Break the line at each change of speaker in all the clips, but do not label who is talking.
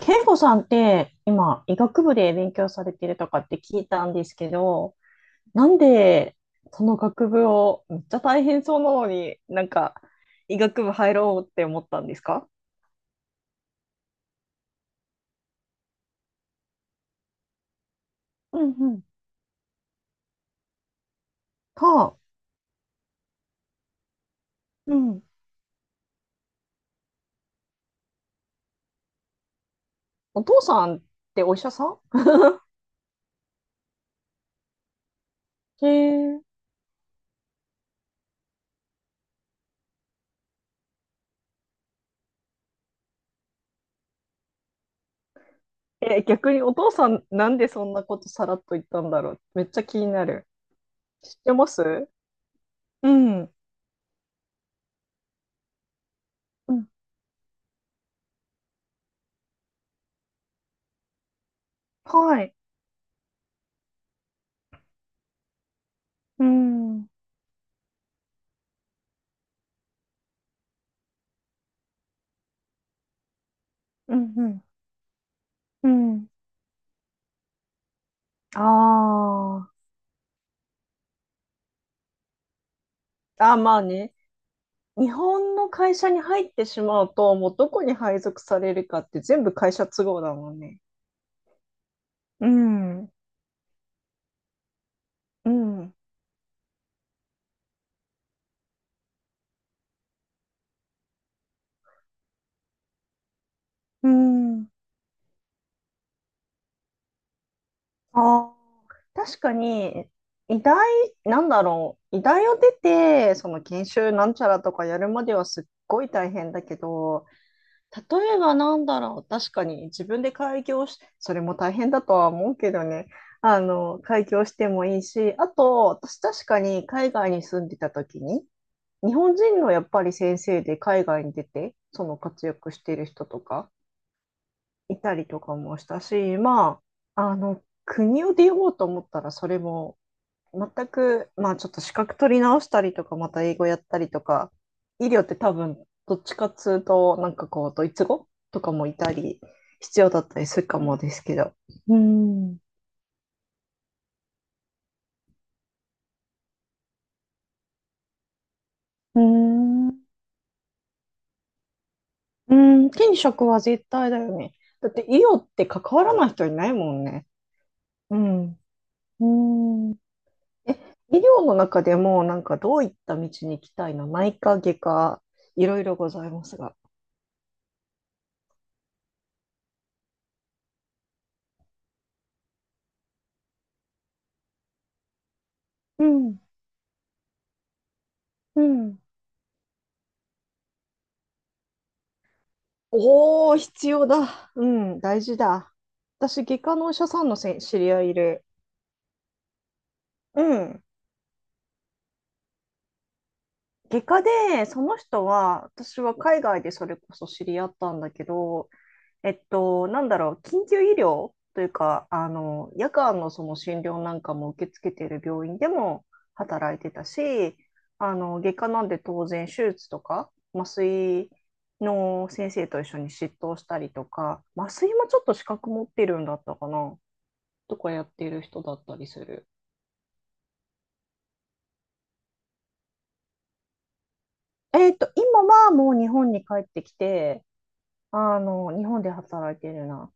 健吾さんって今医学部で勉強されてるとかって聞いたんですけど、なんでその学部をめっちゃ大変そうなのに医学部入ろうって思ったんですか？うんうん。はあ、うん。お父さんってお医者さん？へえ、え、逆にお父さんなんでそんなことさらっと言ったんだろう？めっちゃ気になる。知ってます？うん。うん。はい。うんうん。うんうん。ああ。あ、まあね。日本の会社に入ってしまうと、もうどこに配属されるかって全部会社都合だもんね。うん、うん。うん、あー確かに、医大、なんだろう、医大を出て、その研修なんちゃらとかやるまではすっごい大変だけど、例えばなんだろう、確かに自分で開業し、それも大変だとは思うけどね、あの、開業してもいいし、あと、私確かに海外に住んでた時に、日本人のやっぱり先生で海外に出て、その活躍してる人とかいたりとかもしたし、まあ、あの、国を出ようと思ったらそれも全く、まあちょっと資格取り直したりとか、また英語やったりとか、医療って多分どっちかっつうと、なんかこう、ドイツ語とかもいたり、必要だったりするかもですけど。うん。うーん。うーん。転職は絶対だよね。だって医療って関わらない人いないもんね。うん。うーん。え、医療の中でも、なんかどういった道に行きたいの？内科、外科、いろいろございますが。うん、うん。おー、必要だ。うん、大事だ。私、外科のお医者さんの知り合いいる。うん。外科で、その人は、私は海外でそれこそ知り合ったんだけど、えっと、なんだろう、緊急医療というか、あの、夜間のその診療なんかも受け付けている病院でも働いてたし、あの、外科なんで当然手術とか、麻酔の先生と一緒に執刀したりとか、麻酔もちょっと資格持ってるんだったかな、とかやってる人だったりする。えっと、今はもう日本に帰ってきて、あの、日本で働いてるな。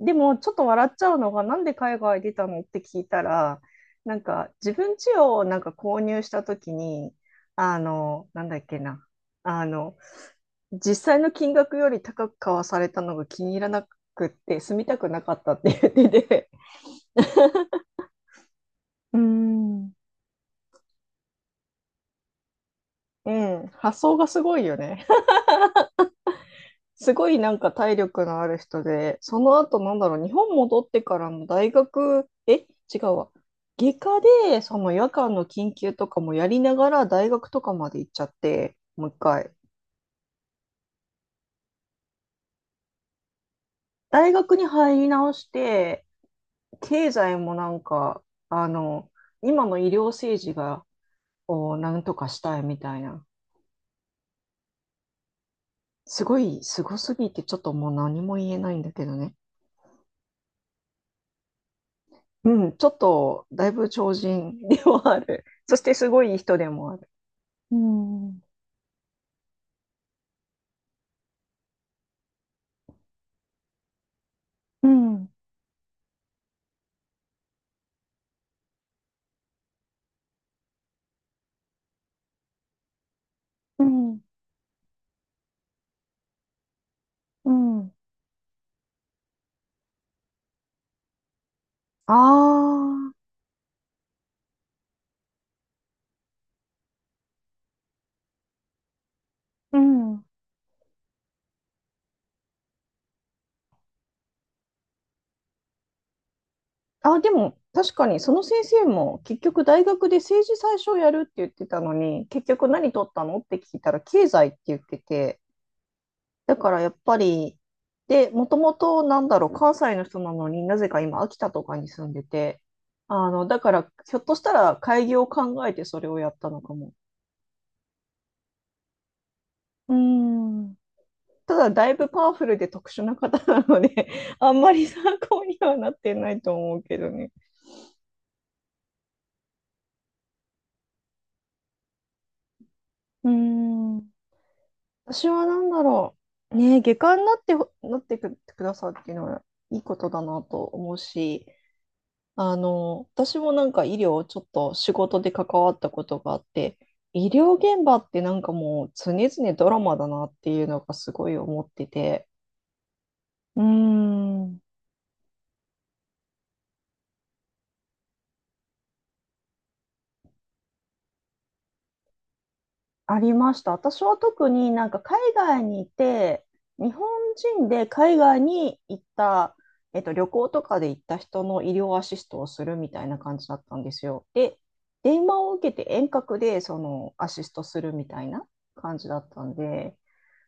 でも、ちょっと笑っちゃうのが、なんで海外出たのって聞いたら、なんか、自分家をなんか購入した時に、あの、なんだっけな、あの、実際の金額より高く買わされたのが気に入らなくって、住みたくなかったって言ってて、うん。うん、発想がすごいよね。すごいなんか体力のある人で、その後なんだろう、日本戻ってからの大学、え、違うわ。外科で、その夜間の緊急とかもやりながら大学とかまで行っちゃって、もう一回。大学に入り直して、経済もなんか、あの、今の医療政治が、をなんとかしたいみたいな。すごい、すごすぎて、ちょっともう何も言えないんだけどね。うん、ちょっと、だいぶ超人ではある。そしてすごいい人でもある。うん、うん、うん、うん。ああ、うん。あ、でも、確かに、その先生も、結局、大学で政治最初やるって言ってたのに、結局何取ったのって聞いたら、経済って言ってて、だからやっぱり、で、もともと、なんだろう、関西の人なのになぜか今、秋田とかに住んでて、あの、だから、ひょっとしたら、開業を考えてそれをやったのかも。うん。ただだいぶパワフルで特殊な方なので あんまり参考にはなってないと思うけどね。うーん。私は何だろう。ねえ、外科になってほ、なってく、くださるっていうのはいいことだなと思うし、あの、私もなんか医療をちょっと仕事で関わったことがあって、医療現場ってなんかもう常々ドラマだなっていうのがすごい思ってて、うーん。ありました。私は特になんか海外にいて、日本人で海外に行った、えっと、旅行とかで行った人の医療アシストをするみたいな感じだったんですよ。で、電話を受けて遠隔でそのアシストするみたいな感じだったんで、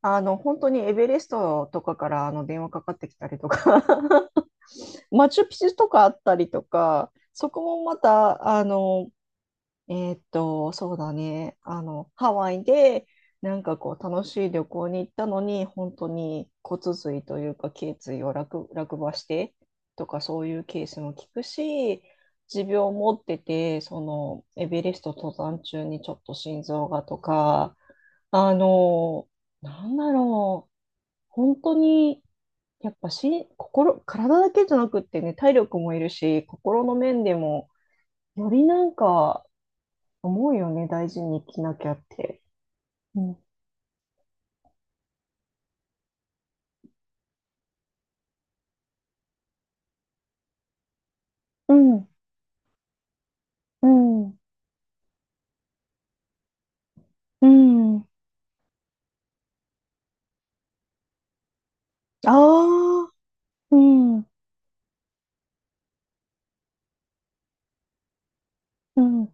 あの本当にエベレストとかからあの電話かかってきたりとか マチュピチュとかあったりとか、そこもまたあのえーっと、そうだね。あの、ハワイで、なんかこう、楽しい旅行に行ったのに、本当に骨髄というか、頸椎を落、落馬してとか、そういうケースも聞くし、持病を持ってて、その、エベレスト登山中にちょっと心臓がとか、あの、なんだろう、本当に、やっぱし、心、体だけじゃなくってね、体力もいるし、心の面でも、よりなんか、思うよね、大事に生きなきゃって。うん。うん、うん、うん。ああ、うん、うん。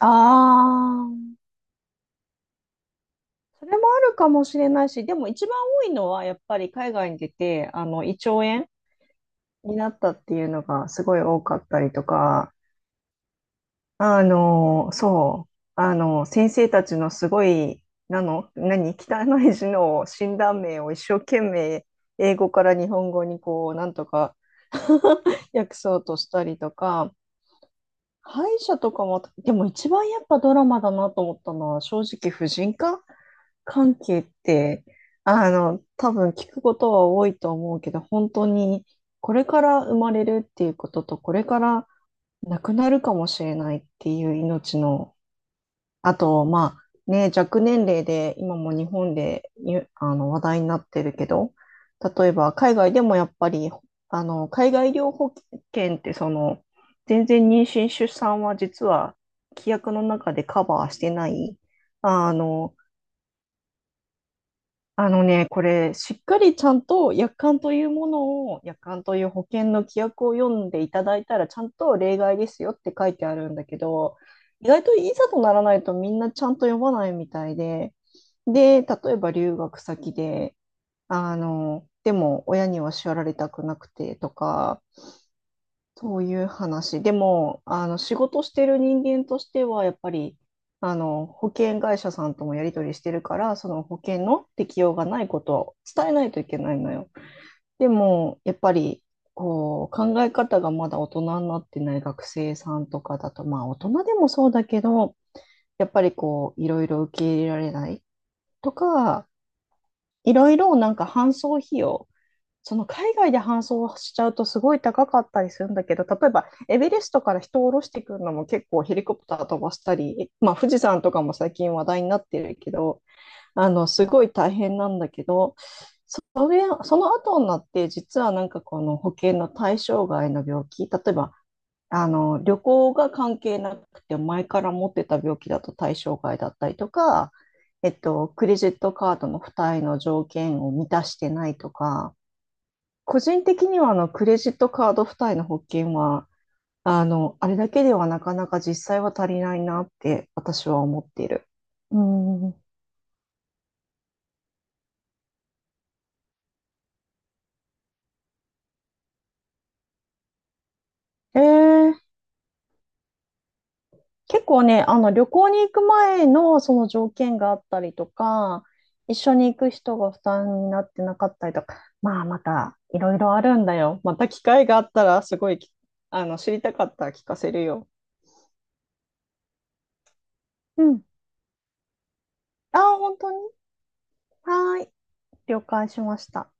ああ。それもあるかもしれないし、でも一番多いのはやっぱり海外に出て、あの、胃腸炎になったっていうのがすごい多かったりとか、あの、そう、あの、先生たちのすごい、なの、何、汚い字の診断名を一生懸命、英語から日本語にこう、なんとか 訳そうとしたりとか、歯医者とかも、でも一番やっぱドラマだなと思ったのは、正直、婦人科関係って、あの、多分聞くことは多いと思うけど、本当に、これから生まれるっていうことと、これから亡くなるかもしれないっていう命の、あと、まあ、ね、若年齢で今も日本でゆあの話題になってるけど、例えば海外でもやっぱり、あの、海外医療保険って全然妊娠出産は実は規約の中でカバーしてない、あの、あのね、これ、しっかりちゃんと約款という保険の規約を読んでいただいたら、ちゃんと例外ですよって書いてあるんだけど、意外といざとならないとみんなちゃんと読まないみたいで、で、例えば留学先で、あの、でも親には叱られたくなくてとか、そういう話。でも、あの、仕事してる人間としては、やっぱり、あの、保険会社さんともやり取りしてるから、その保険の適用がないことを伝えないといけないのよ。でも、やっぱり、こう、考え方がまだ大人になってない学生さんとかだと、まあ、大人でもそうだけど、やっぱりこう、いろいろ受け入れられないとか、いろいろなんか搬送費用、その海外で搬送しちゃうとすごい高かったりするんだけど、例えばエベレストから人を降ろしてくるのも結構ヘリコプター飛ばしたり、まあ、富士山とかも最近話題になってるけど、あのすごい大変なんだけど、それ、その後になって実はなんかこの保険の対象外の病気、例えばあの旅行が関係なくて前から持ってた病気だと対象外だったりとか、えっと、クレジットカードの付帯の条件を満たしてないとか、個人的にはあのクレジットカード付帯の保険は、あの、あれだけではなかなか実際は足りないなって私は思っている。うん。えー、結構ね、あの旅行に行く前のその条件があったりとか、一緒に行く人が負担になってなかったりとか、まあまたいろいろあるんだよ。また機会があったらすごいき、あの、知りたかったら聞かせるよ。うん。ああ、本当に。はーい。了解しました。